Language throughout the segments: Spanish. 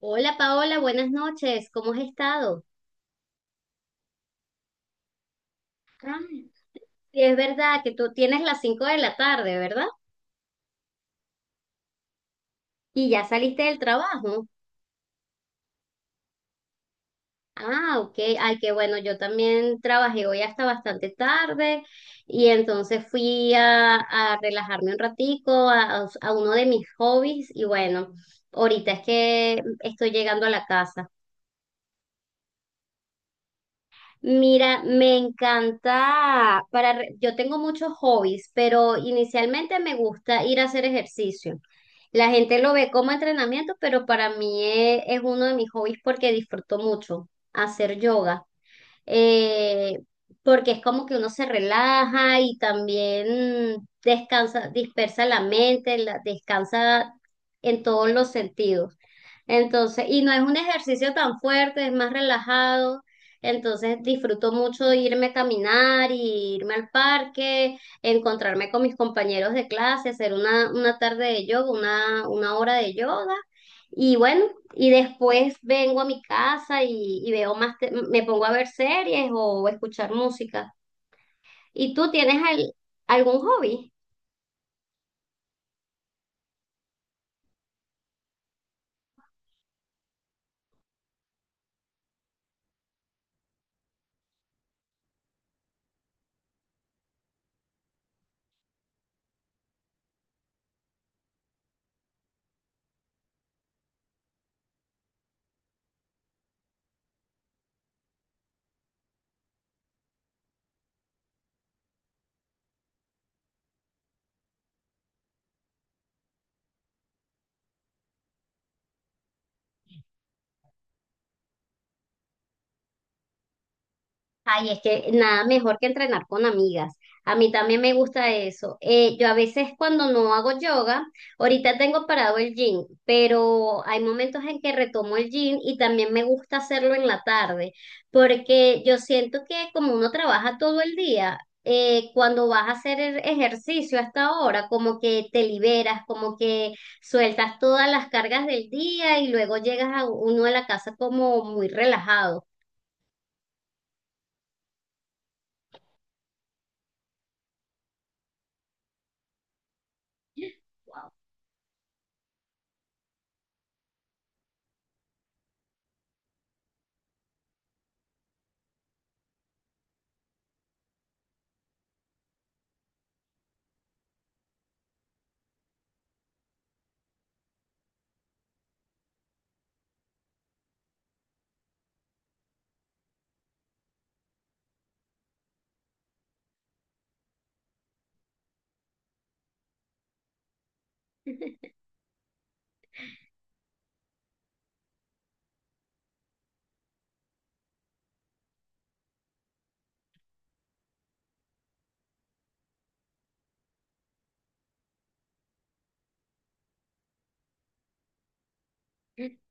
Hola Paola, buenas noches, ¿cómo has estado? Ay, sí, es verdad que tú tienes las 5 de la tarde, ¿verdad? Y ya saliste del trabajo. Ah, ok, ay, qué bueno, yo también trabajé hoy hasta bastante tarde y entonces fui a relajarme un ratico a uno de mis hobbies y bueno, ahorita es que estoy llegando a la casa. Mira, me encanta, yo tengo muchos hobbies, pero inicialmente me gusta ir a hacer ejercicio. La gente lo ve como entrenamiento, pero para mí es uno de mis hobbies porque disfruto mucho hacer yoga. Eh, porque es como que uno se relaja y también descansa, dispersa la mente, descansa en todos los sentidos. Entonces, y no es un ejercicio tan fuerte, es más relajado. Entonces, disfruto mucho de irme a caminar, y irme al parque, encontrarme con mis compañeros de clase, hacer una tarde de yoga, una hora de yoga. Y bueno, y después vengo a mi casa y veo más, me pongo a ver series o escuchar música. ¿Y tú tienes algún hobby? Ay, es que nada mejor que entrenar con amigas. A mí también me gusta eso. Yo a veces cuando no hago yoga, ahorita tengo parado el gym, pero hay momentos en que retomo el gym y también me gusta hacerlo en la tarde, porque yo siento que como uno trabaja todo el día, cuando vas a hacer el ejercicio hasta ahora, como que te liberas, como que sueltas todas las cargas del día y luego llegas a uno a la casa como muy relajado.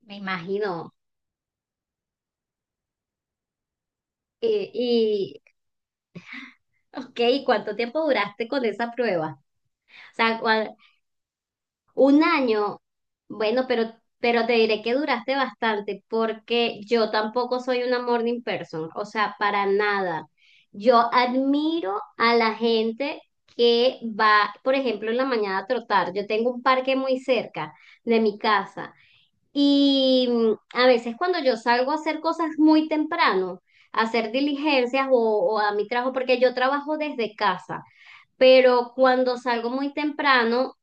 Me imagino. Eh, Y, ok, ¿cuánto tiempo duraste con esa prueba? O sea, un año. Bueno, pero te diré que duraste bastante porque yo tampoco soy una morning person, o sea, para nada. Yo admiro a la gente que va, por ejemplo, en la mañana a trotar. Yo tengo un parque muy cerca de mi casa. Y a veces cuando yo salgo a hacer cosas muy temprano, a hacer diligencias o a mi trabajo, porque yo trabajo desde casa, pero cuando salgo muy temprano,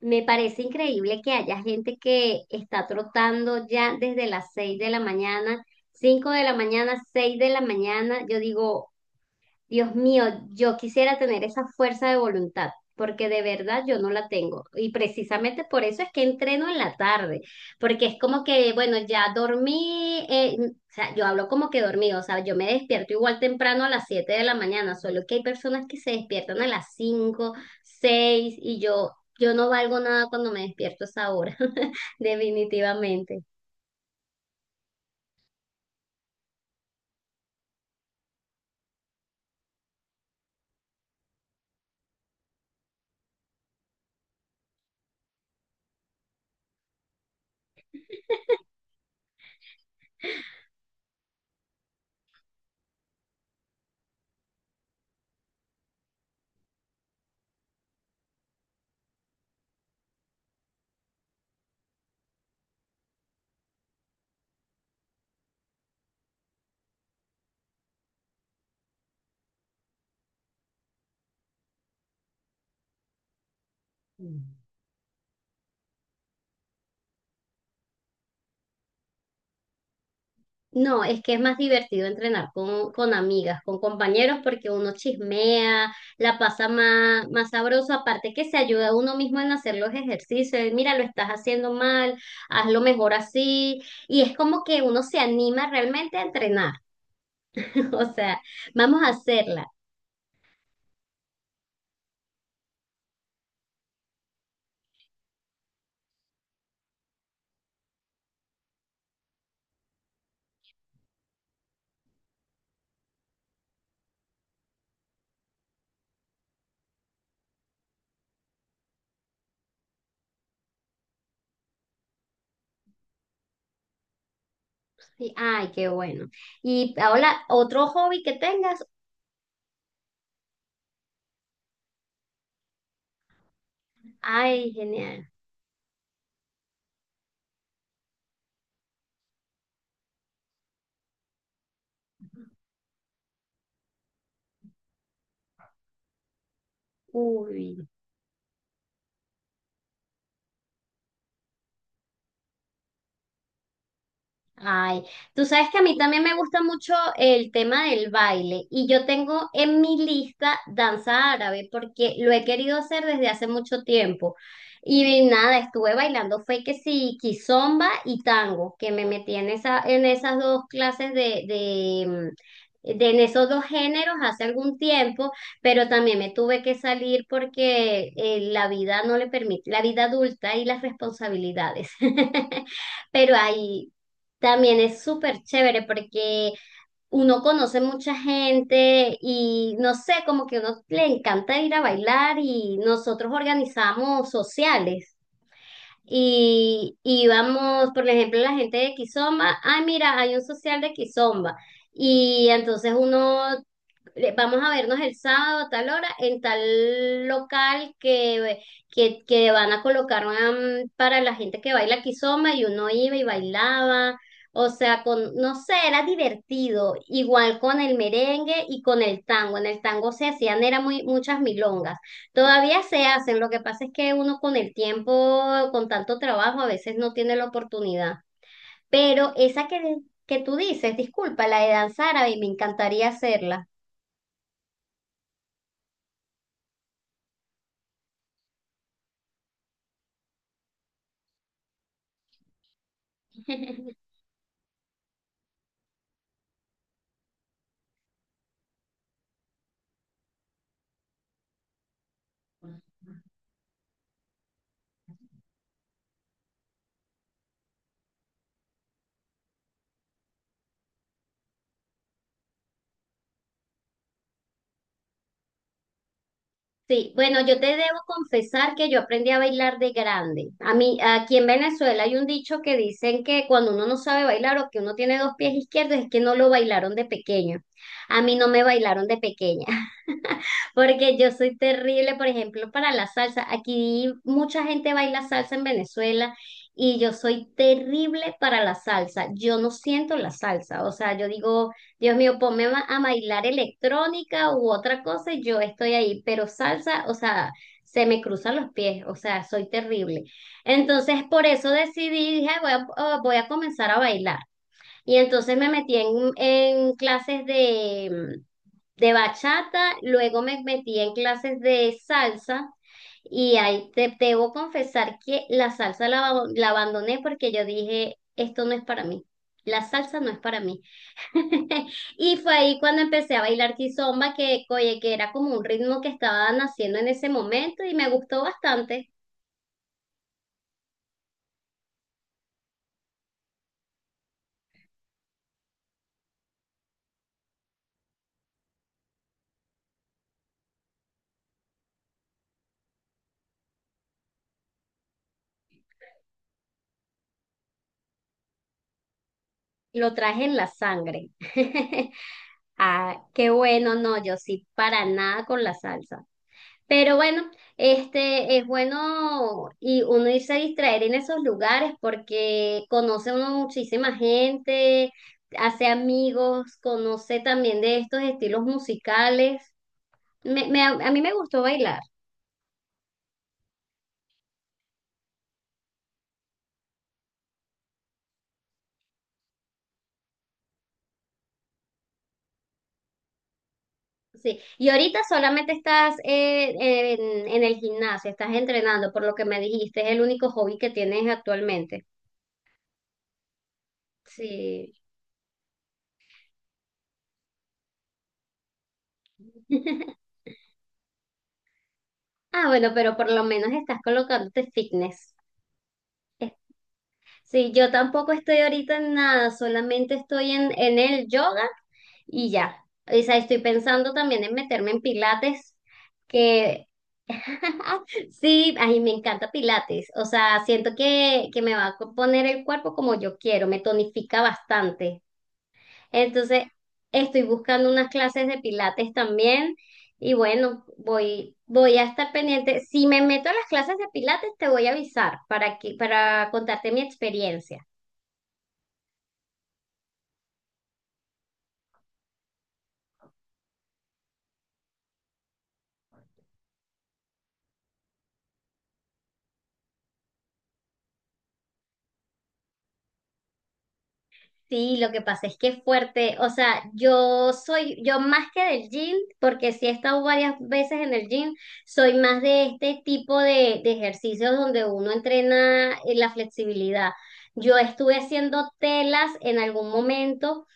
me parece increíble que haya gente que está trotando ya desde las 6 de la mañana, 5 de la mañana, 6 de la mañana. Yo digo, Dios mío, yo quisiera tener esa fuerza de voluntad, porque de verdad yo no la tengo. Y precisamente por eso es que entreno en la tarde, porque es como que, bueno, ya dormí, o sea, yo hablo como que dormí, o sea, yo me despierto igual temprano a las 7 de la mañana, solo que hay personas que se despiertan a las 5, 6 y yo no valgo nada cuando me despierto a esa hora, definitivamente. No, es que es más divertido entrenar con amigas, con compañeros, porque uno chismea, la pasa más, más sabroso, aparte que se ayuda a uno mismo en hacer los ejercicios, mira, lo estás haciendo mal, hazlo mejor así, y es como que uno se anima realmente a entrenar, o sea, vamos a hacerla. Ay, qué bueno. Y Paola, ¿otro hobby que tengas? Ay, genial. Uy. Ay, tú sabes que a mí también me gusta mucho el tema del baile y yo tengo en mi lista danza árabe porque lo he querido hacer desde hace mucho tiempo. Y nada, estuve bailando, fue que sí, kizomba y tango, que me metí en esa, en esas dos clases en esos dos géneros hace algún tiempo, pero también me tuve que salir porque la vida no le permite, la vida adulta y las responsabilidades. Pero ahí también es súper chévere porque uno conoce mucha gente y no sé, como que a uno le encanta ir a bailar y nosotros organizamos sociales y íbamos, por ejemplo, la gente de Kizomba, ay mira, hay un social de Kizomba y entonces uno vamos a vernos el sábado a tal hora en tal local que van a colocar, para la gente que baila kizomba y uno iba y bailaba. O sea, no sé, era divertido. Igual con el merengue y con el tango. En el tango se hacían, era muchas milongas. Todavía se hacen, lo que pasa es que uno con el tiempo, con tanto trabajo, a veces no tiene la oportunidad. Pero esa que tú dices, disculpa, la de danzar, árabe, me encantaría hacerla. Sí, bueno, yo te debo confesar que yo aprendí a bailar de grande. A mí, aquí en Venezuela hay un dicho que dicen que cuando uno no sabe bailar o que uno tiene dos pies izquierdos es que no lo bailaron de pequeño. A mí no me bailaron de pequeña, porque yo soy terrible, por ejemplo, para la salsa. Aquí mucha gente baila salsa en Venezuela y yo soy terrible para la salsa. Yo no siento la salsa, o sea, yo digo, Dios mío, ponme a bailar electrónica u otra cosa y yo estoy ahí, pero salsa, o sea, se me cruzan los pies, o sea, soy terrible. Entonces, por eso decidí, dije: "Ay, voy a comenzar a bailar". Y entonces me metí en clases de bachata, luego me metí en clases de salsa y ahí te debo confesar que la salsa la abandoné porque yo dije, esto no es para mí. La salsa no es para mí. Y fue ahí cuando empecé a bailar kizomba, que, oye, que era como un ritmo que estaba naciendo en ese momento y me gustó bastante. Lo traje en la sangre. Ah, qué bueno, no, yo sí, para nada con la salsa. Pero bueno, este es bueno y uno irse a distraer en esos lugares porque conoce uno muchísima gente, hace amigos, conoce también de estos estilos musicales. A mí me gustó bailar, sí. Y ahorita solamente estás, en el gimnasio, estás entrenando, por lo que me dijiste, es el único hobby que tienes actualmente. Sí. Ah, bueno, pero por lo menos estás colocándote fitness. Sí, yo tampoco estoy ahorita en nada, solamente estoy en el yoga y ya. O sea, estoy pensando también en meterme en pilates, que sí, ay, me encanta pilates. O sea, siento que me va a poner el cuerpo como yo quiero, me tonifica bastante. Entonces, estoy buscando unas clases de pilates también y bueno, voy a estar pendiente. Si me meto a las clases de pilates, te voy a avisar para contarte mi experiencia. Sí, lo que pasa es que es fuerte. O sea, yo más que del gym, porque sí he estado varias veces en el gym, soy más de este tipo de ejercicios donde uno entrena, la flexibilidad. Yo estuve haciendo telas en algún momento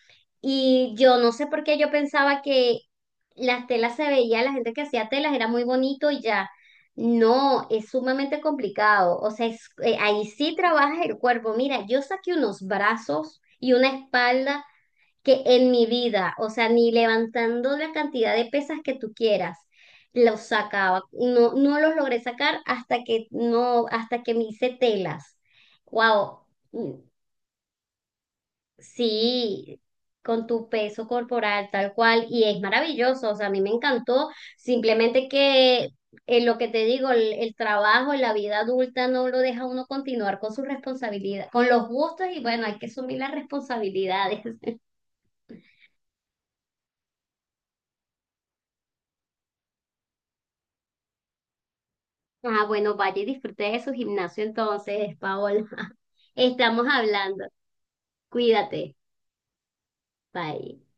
y yo no sé por qué yo pensaba que las telas se veía, la gente que hacía telas era muy bonito y ya. No, es sumamente complicado. O sea, ahí sí trabajas el cuerpo. Mira, yo saqué unos brazos y una espalda que en mi vida, o sea, ni levantando la cantidad de pesas que tú quieras, los sacaba. No, no los logré sacar hasta que no, hasta que me hice telas. Wow. Sí, con tu peso corporal tal cual, y es maravilloso, o sea, a mí me encantó, simplemente que en lo que te digo, el trabajo en la vida adulta no lo deja uno continuar con su responsabilidad, con los gustos y bueno, hay que asumir las responsabilidades. Ah, bueno, vaya y disfrute de su gimnasio entonces, Paola. Estamos hablando, cuídate, bye.